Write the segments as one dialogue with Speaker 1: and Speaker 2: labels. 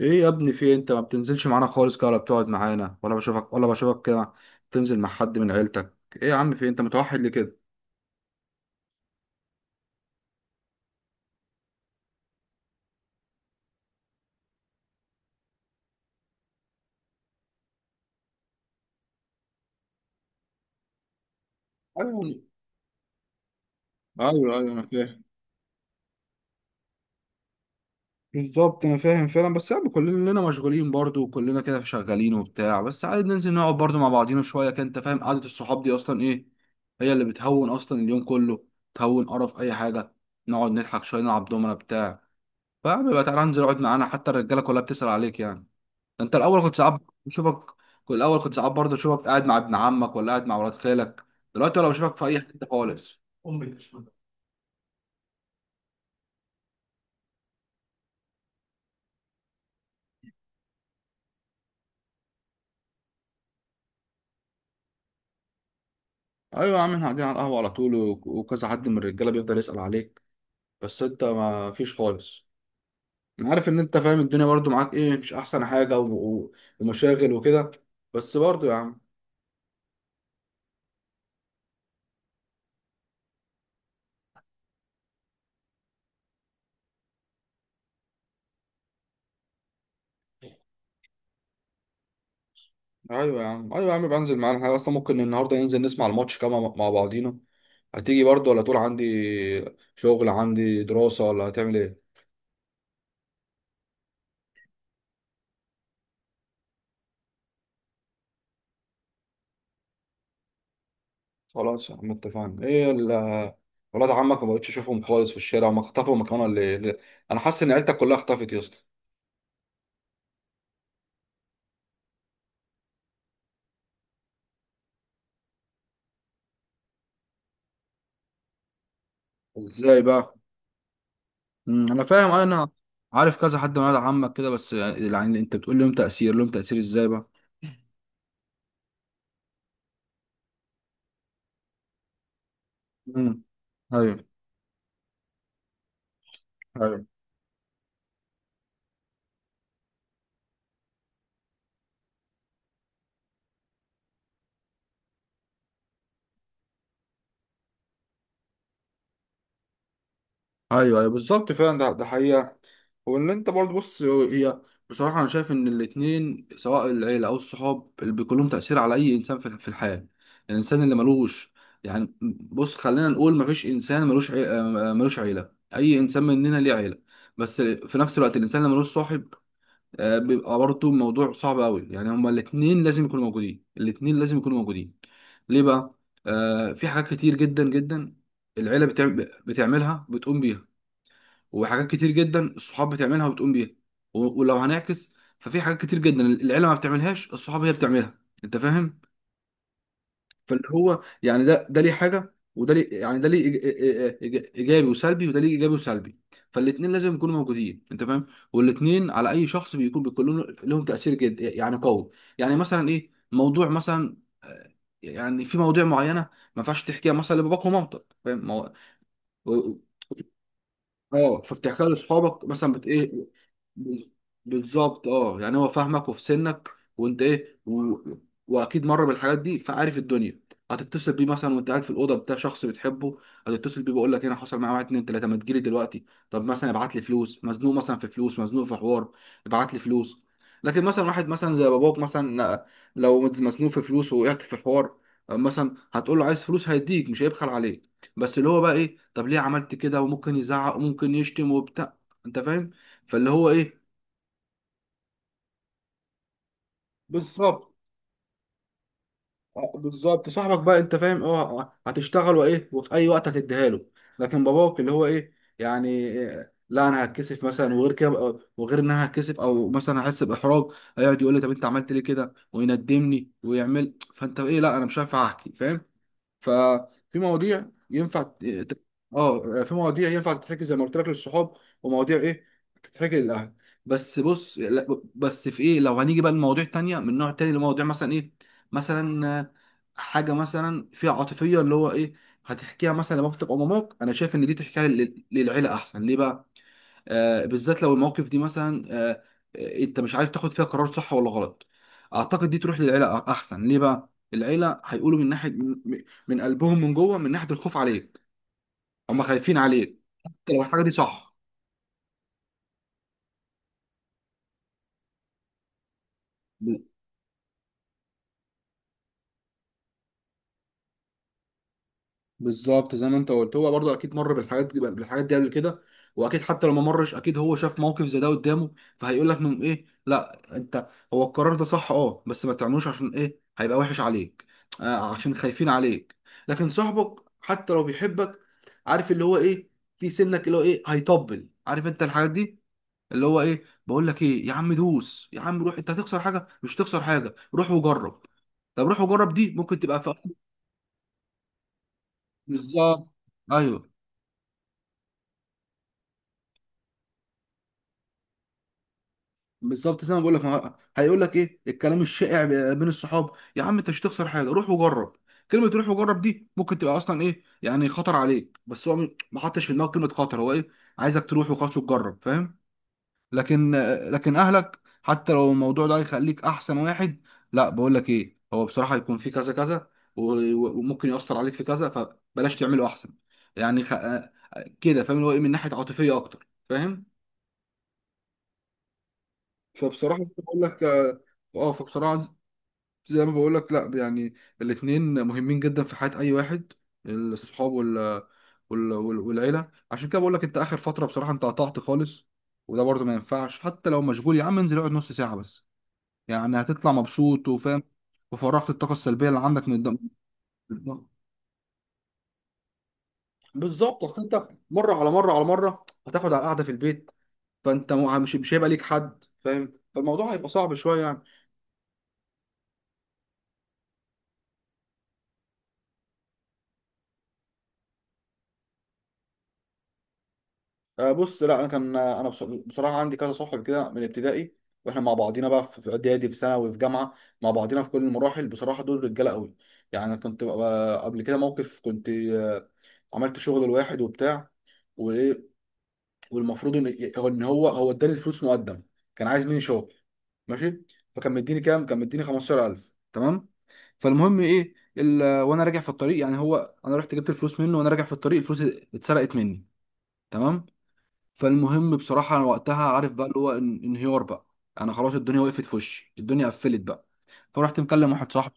Speaker 1: ايه يا ابني في إيه؟ انت ما بتنزلش معانا خالص كده، ولا بتقعد معانا ولا بشوفك كده. تنزل مع حد من عيلتك. ايه يا عم في إيه؟ انت متوحد ليه كده. ايوه، ايوه، ايوه، انا فاهم. بالظبط انا فاهم فعلا، بس يعني كلنا مشغولين برضو، وكلنا كده شغالين وبتاع، بس عادي ننزل نقعد برضو مع بعضينا شويه كده. انت فاهم قعده الصحاب دي اصلا ايه؟ هي اللي بتهون اصلا اليوم كله. تهون قرف اي حاجه. نقعد نضحك شويه، نلعب دومنا بتاع فبيبقى تعالى انزل اقعد معانا، حتى الرجاله كلها بتسأل عليك يعني. انت الاول كنت ساعات بشوفك، كل الاول كنت ساعات برضه اشوفك قاعد مع ابن عمك، ولا قاعد مع ولاد خالك. دلوقتي ولا بشوفك في اي حته خالص. امي بتشوف. ايوه يا عم، احنا قاعدين على القهوه على طول، و- وكذا حد من الرجاله بيفضل يسال عليك، بس انت ما فيش خالص. انا عارف ان انت فاهم الدنيا برضه، معاك ايه مش احسن حاجه ومشاغل وكده، بس برضه يا عم. ايوه يا عم، ايوه يا عم، بنزل معانا. احنا اصلا ممكن النهارده ننزل نسمع الماتش كمان مع بعضينا. هتيجي برضه؟ ولا تقول عندي شغل، عندي دراسه، ولا هتعمل ايه؟ خلاص يا عم اتفقنا. ايه ال ولاد عمك ما بقتش اشوفهم خالص في الشارع، هم اختفوا مكانها انا حاسس ان عيلتك كلها اختفت يا اسطى. ازاي بقى؟ انا فاهم انا. عارف كذا حد من ولاد عمك كده، بس يعني انت بتقول لهم تأثير، لهم تأثير ازاي بقى؟ امم. ايوه ايوه. ايوه ايوه بالظبط فعلا، ده حقيقة. وان انت برضه بص، هي بصراحه انا شايف ان الاتنين، سواء العيله او الصحاب، اللي بيكون لهم تاثير على اي انسان في الحياه. الانسان اللي ملوش يعني، بص خلينا نقول مفيش انسان ملوش عي... آه، ملوش عيله. اي انسان مننا ليه عيله. بس في نفس الوقت الانسان اللي ملوش صاحب بيبقى برضه موضوع صعب قوي. يعني هما الاتنين لازم يكونوا موجودين، الاتنين لازم يكونوا موجودين. ليه بقى؟ في حاجات كتير جدا جدا العيله بتعملها بتقوم بيها، وحاجات كتير جدا الصحاب بتعملها وبتقوم بيها. و- ولو هنعكس ففي حاجات كتير جدا العيله ما بتعملهاش الصحاب هي بتعملها. انت فاهم. فاللي هو يعني ده ليه حاجه، وده ليه يعني ده ليه ايجابي وسلبي، وده ليه ايجابي وسلبي. فالاثنين لازم يكونوا موجودين، انت فاهم. والاثنين على اي شخص بيكون لهم تاثير جد يعني قوي. يعني مثلا ايه موضوع مثلا، آه، يعني في مواضيع معينه ما ينفعش تحكيها مثلا لباباك ومامتك، فاهم ما هو. اه فبتحكيها لاصحابك مثلا، بت ايه، بز- بالظبط. اه يعني هو فاهمك وفي سنك، وانت ايه واكيد مر بالحاجات دي، فعارف الدنيا. هتتصل بيه مثلا وانت قاعد في الاوضه بتاع شخص بتحبه، هتتصل بيه بيقول لك هنا حصل معايا واحد اتنين تلاته، ما تجيلي دلوقتي. طب مثلا ابعت لي فلوس، مزنوق مثلا في فلوس، مزنوق في حوار، ابعت لي فلوس. لكن مثلا واحد مثلا زي باباك مثلا، لو مزنوق في فلوس، وقعت في حوار، مثلا هتقول له عايز فلوس، هيديك مش هيبخل عليك، بس اللي هو بقى ايه، طب ليه عملت كده، وممكن يزعق وممكن يشتم وبتاع. انت فاهم. فاللي هو ايه؟ بالظبط. بالظبط صاحبك بقى انت فاهم، هتشتغل، وايه، وفي اي وقت هتديها له. لكن باباك اللي هو ايه، يعني إيه، لا انا هتكسف مثلا، وغير كده، وغير ان انا هتكسف، او مثلا احس باحراج. هيقعد يقول لي طب انت عملت ليه كده، ويندمني، ويعمل، فانت ايه، لا انا مش هينفع احكي، فاهم. ففي مواضيع ينفع اه في مواضيع ينفع تتحكي زي ما قلت لك للصحاب، ومواضيع ايه تتحكي للاهل. بس بص، بس في ايه، لو هنيجي بقى لمواضيع تانية من نوع تاني، لمواضيع مثلا ايه، مثلا حاجة مثلا فيها عاطفية اللي هو ايه، هتحكيها مثلا لبابتك او ماماك. انا شايف ان دي تحكيها للعيلة احسن. ليه بقى؟ بالذات لو المواقف دي مثلا، آه، انت مش عارف تاخد فيها قرار صح ولا غلط. اعتقد دي تروح للعيله احسن. ليه بقى؟ العيله هيقولوا من ناحيه، من قلبهم من جوه، من ناحيه الخوف عليك. هم خايفين عليك حتى لو الحاجه دي صح. بالظبط زي ما انت قلت، هو برضه اكيد مر بالحاجات دي قبل كده، واكيد حتى لو ما مرش، اكيد هو شاف موقف زي ده قدامه. فهيقول لك من ايه، لا انت هو القرار ده صح، بس ما تعملوش، عشان ايه، هيبقى وحش عليك. عشان خايفين عليك. لكن صاحبك حتى لو بيحبك، عارف اللي هو ايه، في سنك اللي هو ايه هيطبل، عارف انت الحاجات دي، اللي هو ايه، بقول لك ايه يا عم، دوس يا عم، روح، انت هتخسر حاجه، مش هتخسر حاجه، روح وجرب. طب روح وجرب دي ممكن تبقى في، بالظبط. ايوه. بالظبط زي ما بقول لك، ما هيقول لك ايه الكلام الشائع بين الصحاب، يا عم انت مش هتخسر حاجه، روح وجرب. كلمه روح وجرب دي ممكن تبقى اصلا ايه يعني خطر عليك، بس هو ما حطش في دماغه كلمه خطر. هو ايه، عايزك تروح وخلاص وتجرب، فاهم. لكن لكن اهلك حتى لو الموضوع ده هيخليك احسن واحد، لا بقول لك ايه، هو بصراحه هيكون في كذا كذا، وممكن ياثر عليك في كذا، فبلاش تعمله احسن. يعني خ... آه، كده فاهم اللي هو ايه، من ناحيه عاطفيه اكتر، فاهم. فبصراحه بقول لك فبصراحة زي ما بقولك، لا يعني، الاتنين مهمين جدا في حياة أي واحد، الصحاب والعيلة. عشان كده بقولك أنت آخر فترة بصراحة أنت قطعت خالص، وده برضه ما ينفعش، حتى لو مشغول يا عم انزل اقعد نص ساعة بس، يعني هتطلع مبسوط وفاهم، وفرغت الطاقة السلبية اللي عندك من الدم. بالظبط، اصل انت مره على مره على مره هتاخد على القعده في البيت، فانت مش هيبقى ليك حد فاهم، فالموضوع هيبقى صعب شويه يعني. بص لا انا كان انا بصراحه عندي كذا صاحب كده من ابتدائي، واحنا مع بعضينا بقى في اعدادي، في ثانوي، في جامعه، مع بعضينا في كل المراحل. بصراحه دول رجاله قوي. يعني أنا كنت قبل كده موقف، كنت عملت شغل لواحد وبتاع، وايه، والمفروض إن هو اداني الفلوس مقدم. كان عايز مني شغل، ماشي. فكان مديني كام، كان مديني 15,000، تمام. فالمهم ايه وانا راجع في الطريق، يعني هو انا رحت جبت الفلوس منه، وانا راجع في الطريق الفلوس اتسرقت مني، تمام. فالمهم بصراحة أنا وقتها عارف بقى اللي هو انهيار بقى. أنا خلاص، الدنيا وقفت في وشي، الدنيا قفلت بقى. فرحت مكلم واحد صاحبي.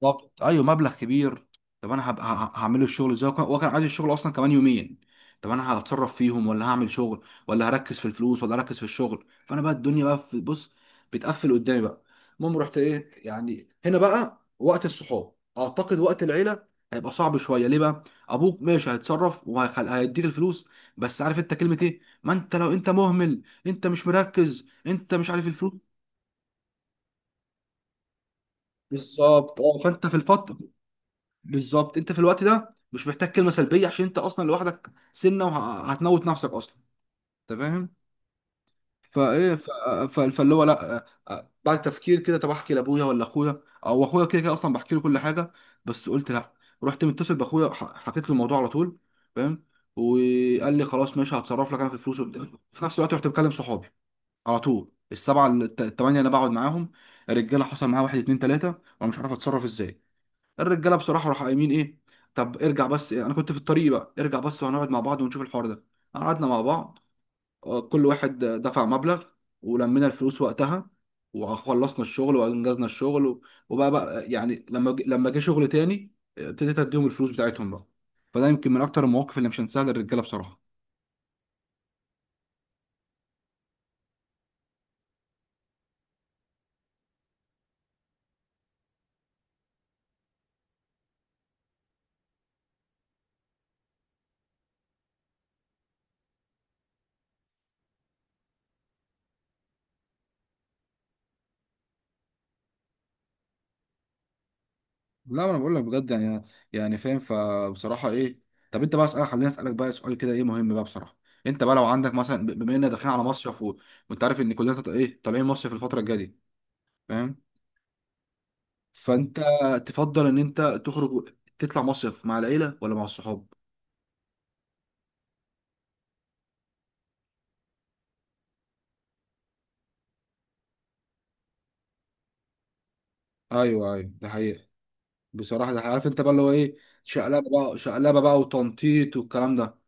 Speaker 1: بالظبط، ايوه، مبلغ كبير. طب انا هبقى هعمله الشغل ازاي، هو كان عايز الشغل اصلا كمان يومين. طب انا هتصرف فيهم، ولا هعمل شغل، ولا هركز في الفلوس، ولا هركز في الشغل. فانا بقى الدنيا بقى في، بص، بتقفل قدامي بقى. المهم رحت ايه، يعني هنا بقى وقت الصحاب، اعتقد وقت العيله هيبقى صعب شويه. ليه بقى؟ ابوك ماشي هيتصرف وهيديك الفلوس، بس عارف انت كلمه ايه، ما انت لو انت مهمل، انت مش مركز، انت مش عارف الفلوس. بالظبط، فانت في الفتره، بالظبط، انت في الوقت ده مش محتاج كلمه سلبيه، عشان انت اصلا لوحدك سنه وهتموت نفسك اصلا. انت فاهم. فايه فاللي هو لا، بعد تفكير كده، طب احكي لابويا ولا اخويا، او اخويا كده كده اصلا بحكي له كل حاجه، بس قلت لا. رحت متصل باخويا، حكيت له الموضوع على طول، فاهم، وقال لي خلاص ماشي، هتصرف لك انا في الفلوس وبتاع. في نفس الوقت رحت مكلم صحابي على طول، السبعه الثمانيه اللي بقعد معاهم، الرجاله حصل معاها واحد اتنين تلاته وانا مش عارف اتصرف ازاي. الرجاله بصراحه راحوا قايمين ايه، طب ارجع بس، انا كنت في الطريق بقى، ارجع بس وهنقعد مع بعض ونشوف الحوار ده. قعدنا مع بعض، كل واحد دفع مبلغ، ولمينا الفلوس وقتها، وخلصنا الشغل وانجزنا الشغل وبقى يعني، لما جه شغل تاني، ابتديت اديهم الفلوس بتاعتهم بقى. فده يمكن من اكتر المواقف اللي مش هنساها للرجاله بصراحه. لا ما انا بقول لك بجد يعني، يعني فاهم، فبصراحه ايه، طب انت بقى اسالك، خليني اسالك بقى سؤال كده ايه مهم بقى بصراحه. انت بقى لو عندك مثلا، بما اننا داخلين على مصيف وانت عارف ان كلنا ايه طالعين مصيف الفتره الجايه دي، فاهم، فانت تفضل ان انت تخرج تطلع مصيف مع العيله ولا مع الصحاب؟ ايوه ايوه ده حقيقه. بصراحه ده حقيقة. عارف انت بقى اللي هو ايه، شقلبه بقى شقلبه بقى، وتنطيط، والكلام ده.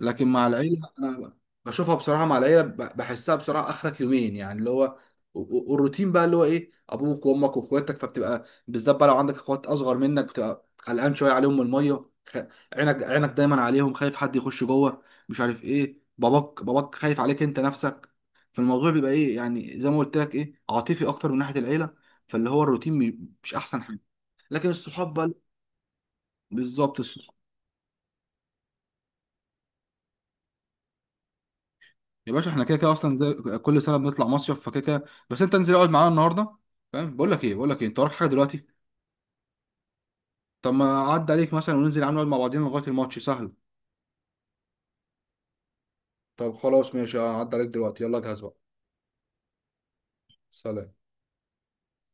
Speaker 1: لكن مع العيله انا بشوفها بصراحه، مع العيله بحسها بصراحه اخرك يومين يعني اللي هو، والروتين بقى اللي هو ايه، ابوك وامك واخواتك، فبتبقى بالذات بقى لو عندك اخوات اصغر منك، بتبقى قلقان شويه عليهم من الميه عينك عينك دايما عليهم، خايف حد يخش جوه، مش عارف ايه، باباك خايف عليك انت نفسك. فالموضوع بيبقى ايه، يعني زي ما قلت لك ايه، عاطفي اكتر من ناحيه العيله. فاللي هو الروتين مش احسن حاجه. لكن الصحاب بقى، بالظبط. يا باشا احنا كده كده اصلا زي كل سنه بنطلع مصيف، فكده كده، بس انت انزل اقعد معانا النهارده فاهم. بقول لك ايه، انت وراك حاجه دلوقتي؟ طب ما اعدي عليك مثلا وننزل يا عم نقعد مع بعضينا لغايه الماتش، سهل. طب خلاص ماشي، اعدي عليك دلوقتي، يلا جهز بقى. سلام.